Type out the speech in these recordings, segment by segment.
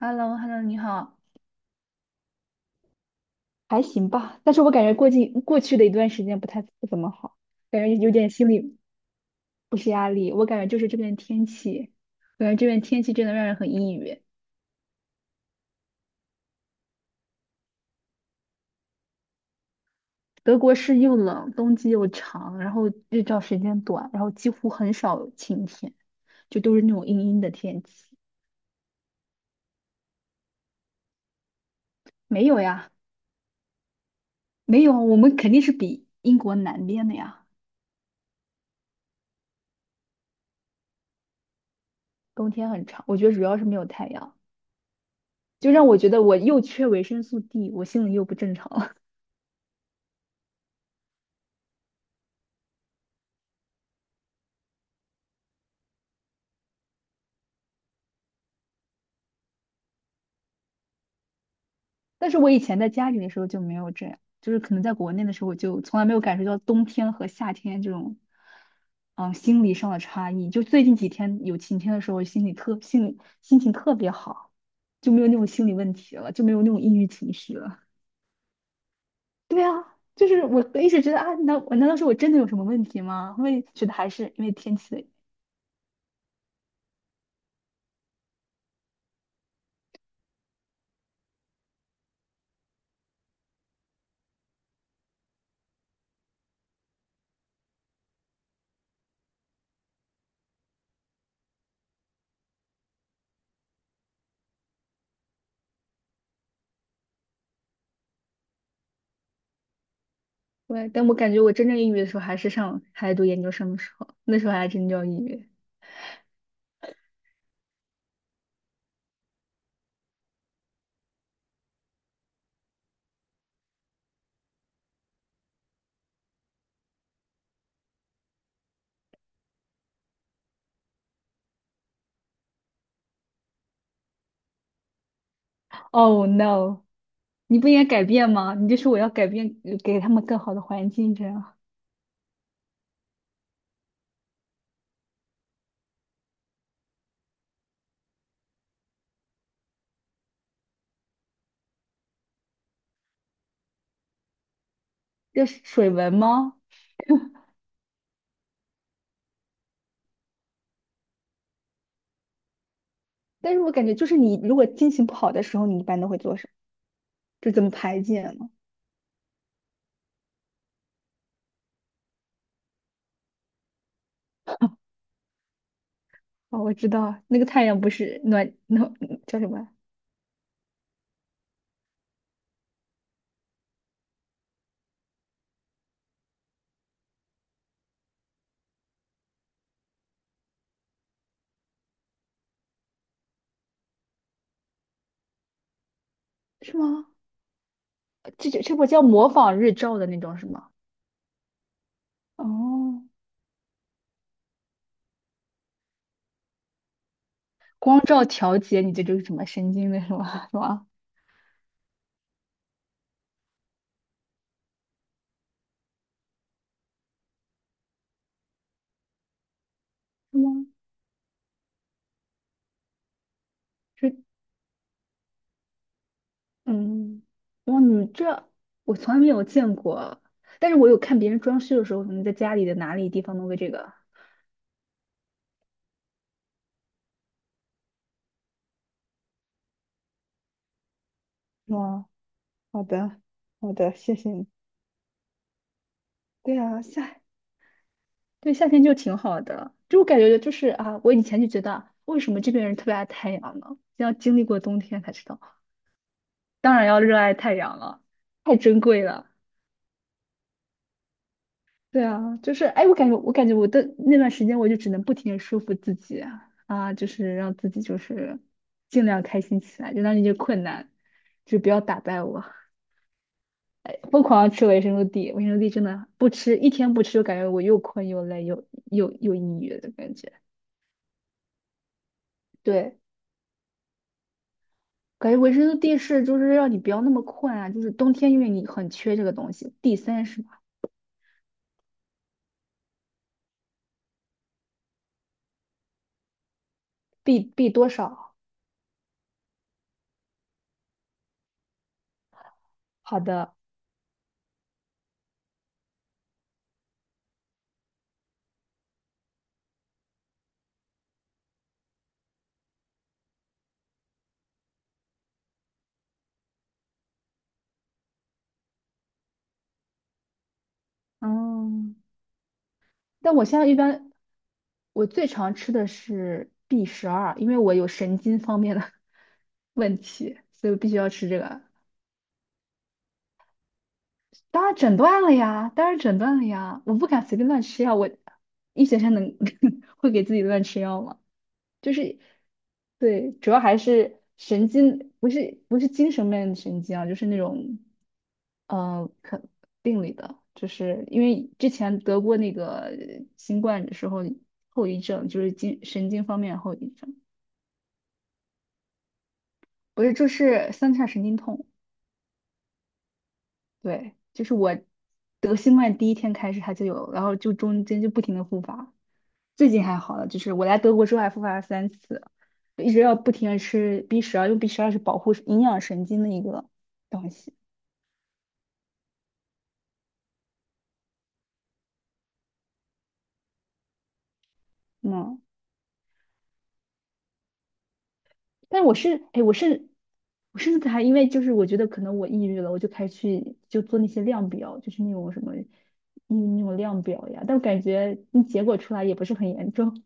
h e l l o h e l l o 你好。还行吧，但是我感觉过去的一段时间不怎么好，感觉有点心理不是压力，我感觉就是这边天气，感觉这边天气真的让人很抑郁。德国是又冷，冬季又长，然后日照时间短，然后几乎很少有晴天，就都是那种阴阴的天气。没有呀，没有，我们肯定是比英国南边的呀，冬天很长。我觉得主要是没有太阳，就让我觉得我又缺维生素 D，我心里又不正常了。但是我以前在家里的时候就没有这样，就是可能在国内的时候，我就从来没有感受到冬天和夏天这种，心理上的差异。就最近几天有晴天的时候，心里心情特别好，就没有那种心理问题了，就没有那种抑郁情绪了。对啊，就是我一直觉得啊，难道是我真的有什么问题吗？后面觉得还是因为天气的原因。对，但我感觉我真正抑郁的时候还是上还在读研究生的时候，那时候还真叫抑郁。Oh no！你不应该改变吗？你就说我要改变，给他们更好的环境，这样。这是水文吗？但是我感觉就是你如果心情不好的时候，你一般都会做什么？就怎么排解呢？哦，我知道，那个太阳不是暖暖叫什么？是吗？这就不叫模仿日照的那种是吗？哦，光照调节你这就是什么神经的是吗？是吗？是吗？是。嗯，哇，你这我从来没有见过，但是我有看别人装修的时候，可能在家里的哪里地方弄个这个。哇，好的，好的，谢谢你。对啊，夏，对，夏天就挺好的，就我感觉就是啊，我以前就觉得为什么这边人特别爱太阳呢？要经历过冬天才知道，当然要热爱太阳了，太珍贵了。对啊，就是哎，我感觉我的那段时间，我就只能不停的说服自己啊，就是让自己就是尽量开心起来，就让那些困难就不要打败我。哎，疯狂地吃维生素 D，维生素 D 真的不吃一天不吃，就感觉我又困又累又抑郁的感觉。对，感觉维生素 D 是就是让你不要那么困啊，就是冬天因为你很缺这个东西，D 三是吧？B 多少？好的，嗯。但我现在一般我最常吃的是 B 十二，因为我有神经方面的 问题，所以我必须要吃这个。当然诊断了呀，当然诊断了呀，我不敢随便乱吃药，我医学生能 会给自己乱吃药吗？就是对，主要还是神经，不是精神面的神经啊，就是那种呃，可病理的，就是因为之前得过那个新冠的时候后遗症，就是精神经方面的后遗症，不是就是三叉神经痛。对，就是我得新冠第一天开始它就有，然后就中间就不停的复发，最近还好了，就是我来德国之后还复发了三次，就一直要不停的吃 B 十二，因为 B 十二是保护营养神经的一个东西，嗯，但我是，哎，我是，我甚至还因为就是我觉得可能我抑郁了，我就开始去就做那些量表，就是那种什么，嗯，那种量表呀，但我感觉那结果出来也不是很严重。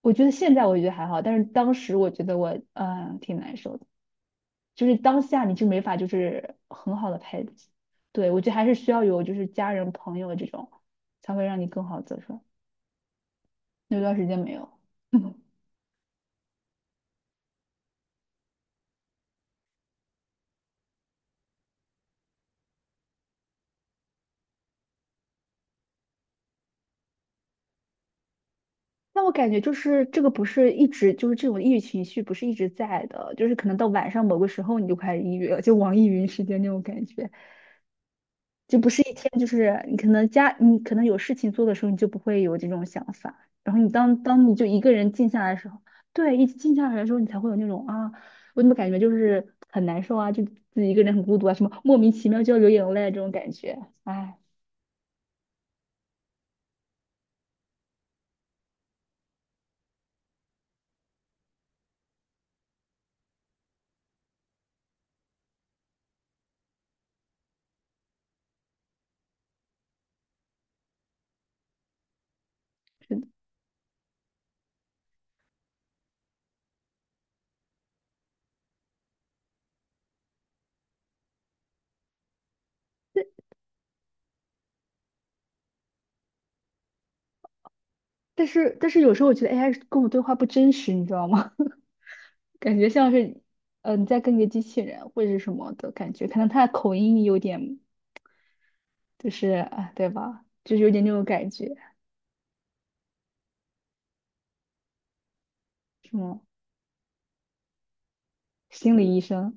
我觉得现在我觉得还好，但是当时我觉得我挺难受的，就是当下你就没法就是很好的陪自己。对，我觉得还是需要有就是家人朋友这种，才会让你更好走出来。那段时间没有，那我感觉就是这个不是一直就是这种抑郁情绪不是一直在的，就是可能到晚上某个时候你就开始抑郁了，就网易云时间那种感觉。就不是一天，就是你可能家，你可能有事情做的时候，你就不会有这种想法。然后你当你就一个人静下来的时候，对，一静下来的时候，你才会有那种啊，我怎么感觉就是很难受啊，就自己一个人很孤独啊，什么莫名其妙就要流眼泪啊这种感觉，哎，是的。但是有时候我觉得 AI 跟我对话不真实，你知道吗？感觉像是，嗯，你在跟一个机器人或者是什么的感觉，可能他的口音有点，就是啊，对吧？就是有点那种感觉，什么心理医生。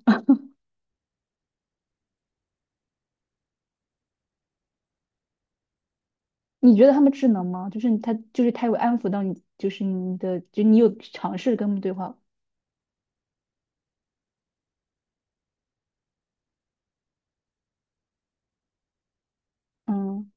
你觉得他们智能吗？就是他，就是他有安抚到你，就是你的，就你有尝试跟他们对话。嗯，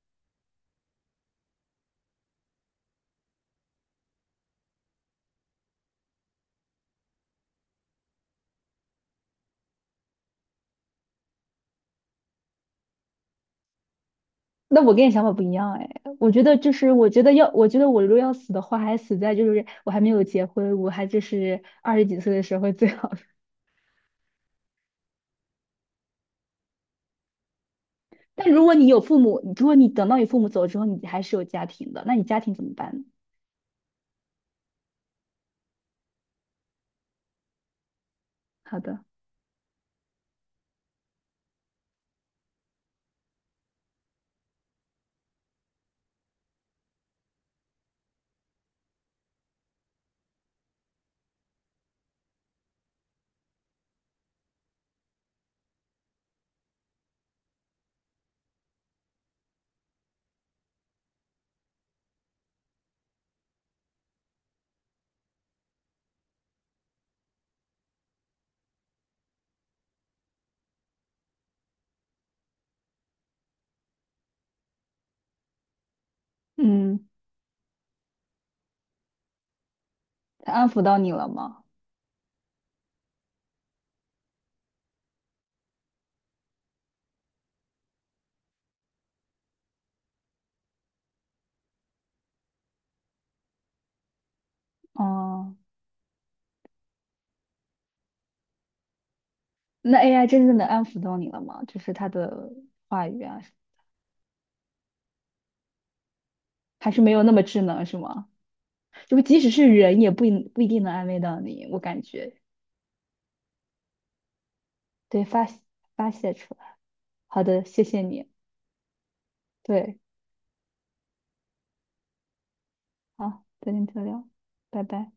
那我跟你想法不一样哎，我觉得就是，我觉得要，我觉得我如果要死的话，还死在就是我还没有结婚，我还就是二十几岁的时候会最好。但如果你有父母，如果你等到你父母走之后，你还是有家庭的，那你家庭怎么办呢？好的，嗯，他安抚到你了吗？哦，那 AI 真正的安抚到你了吗？就是他的话语啊，还是没有那么智能是吗？就即使是人也不一定能安慰到你，我感觉，对，发泄出来。好的，谢谢你。对，好，再见，再聊，拜拜。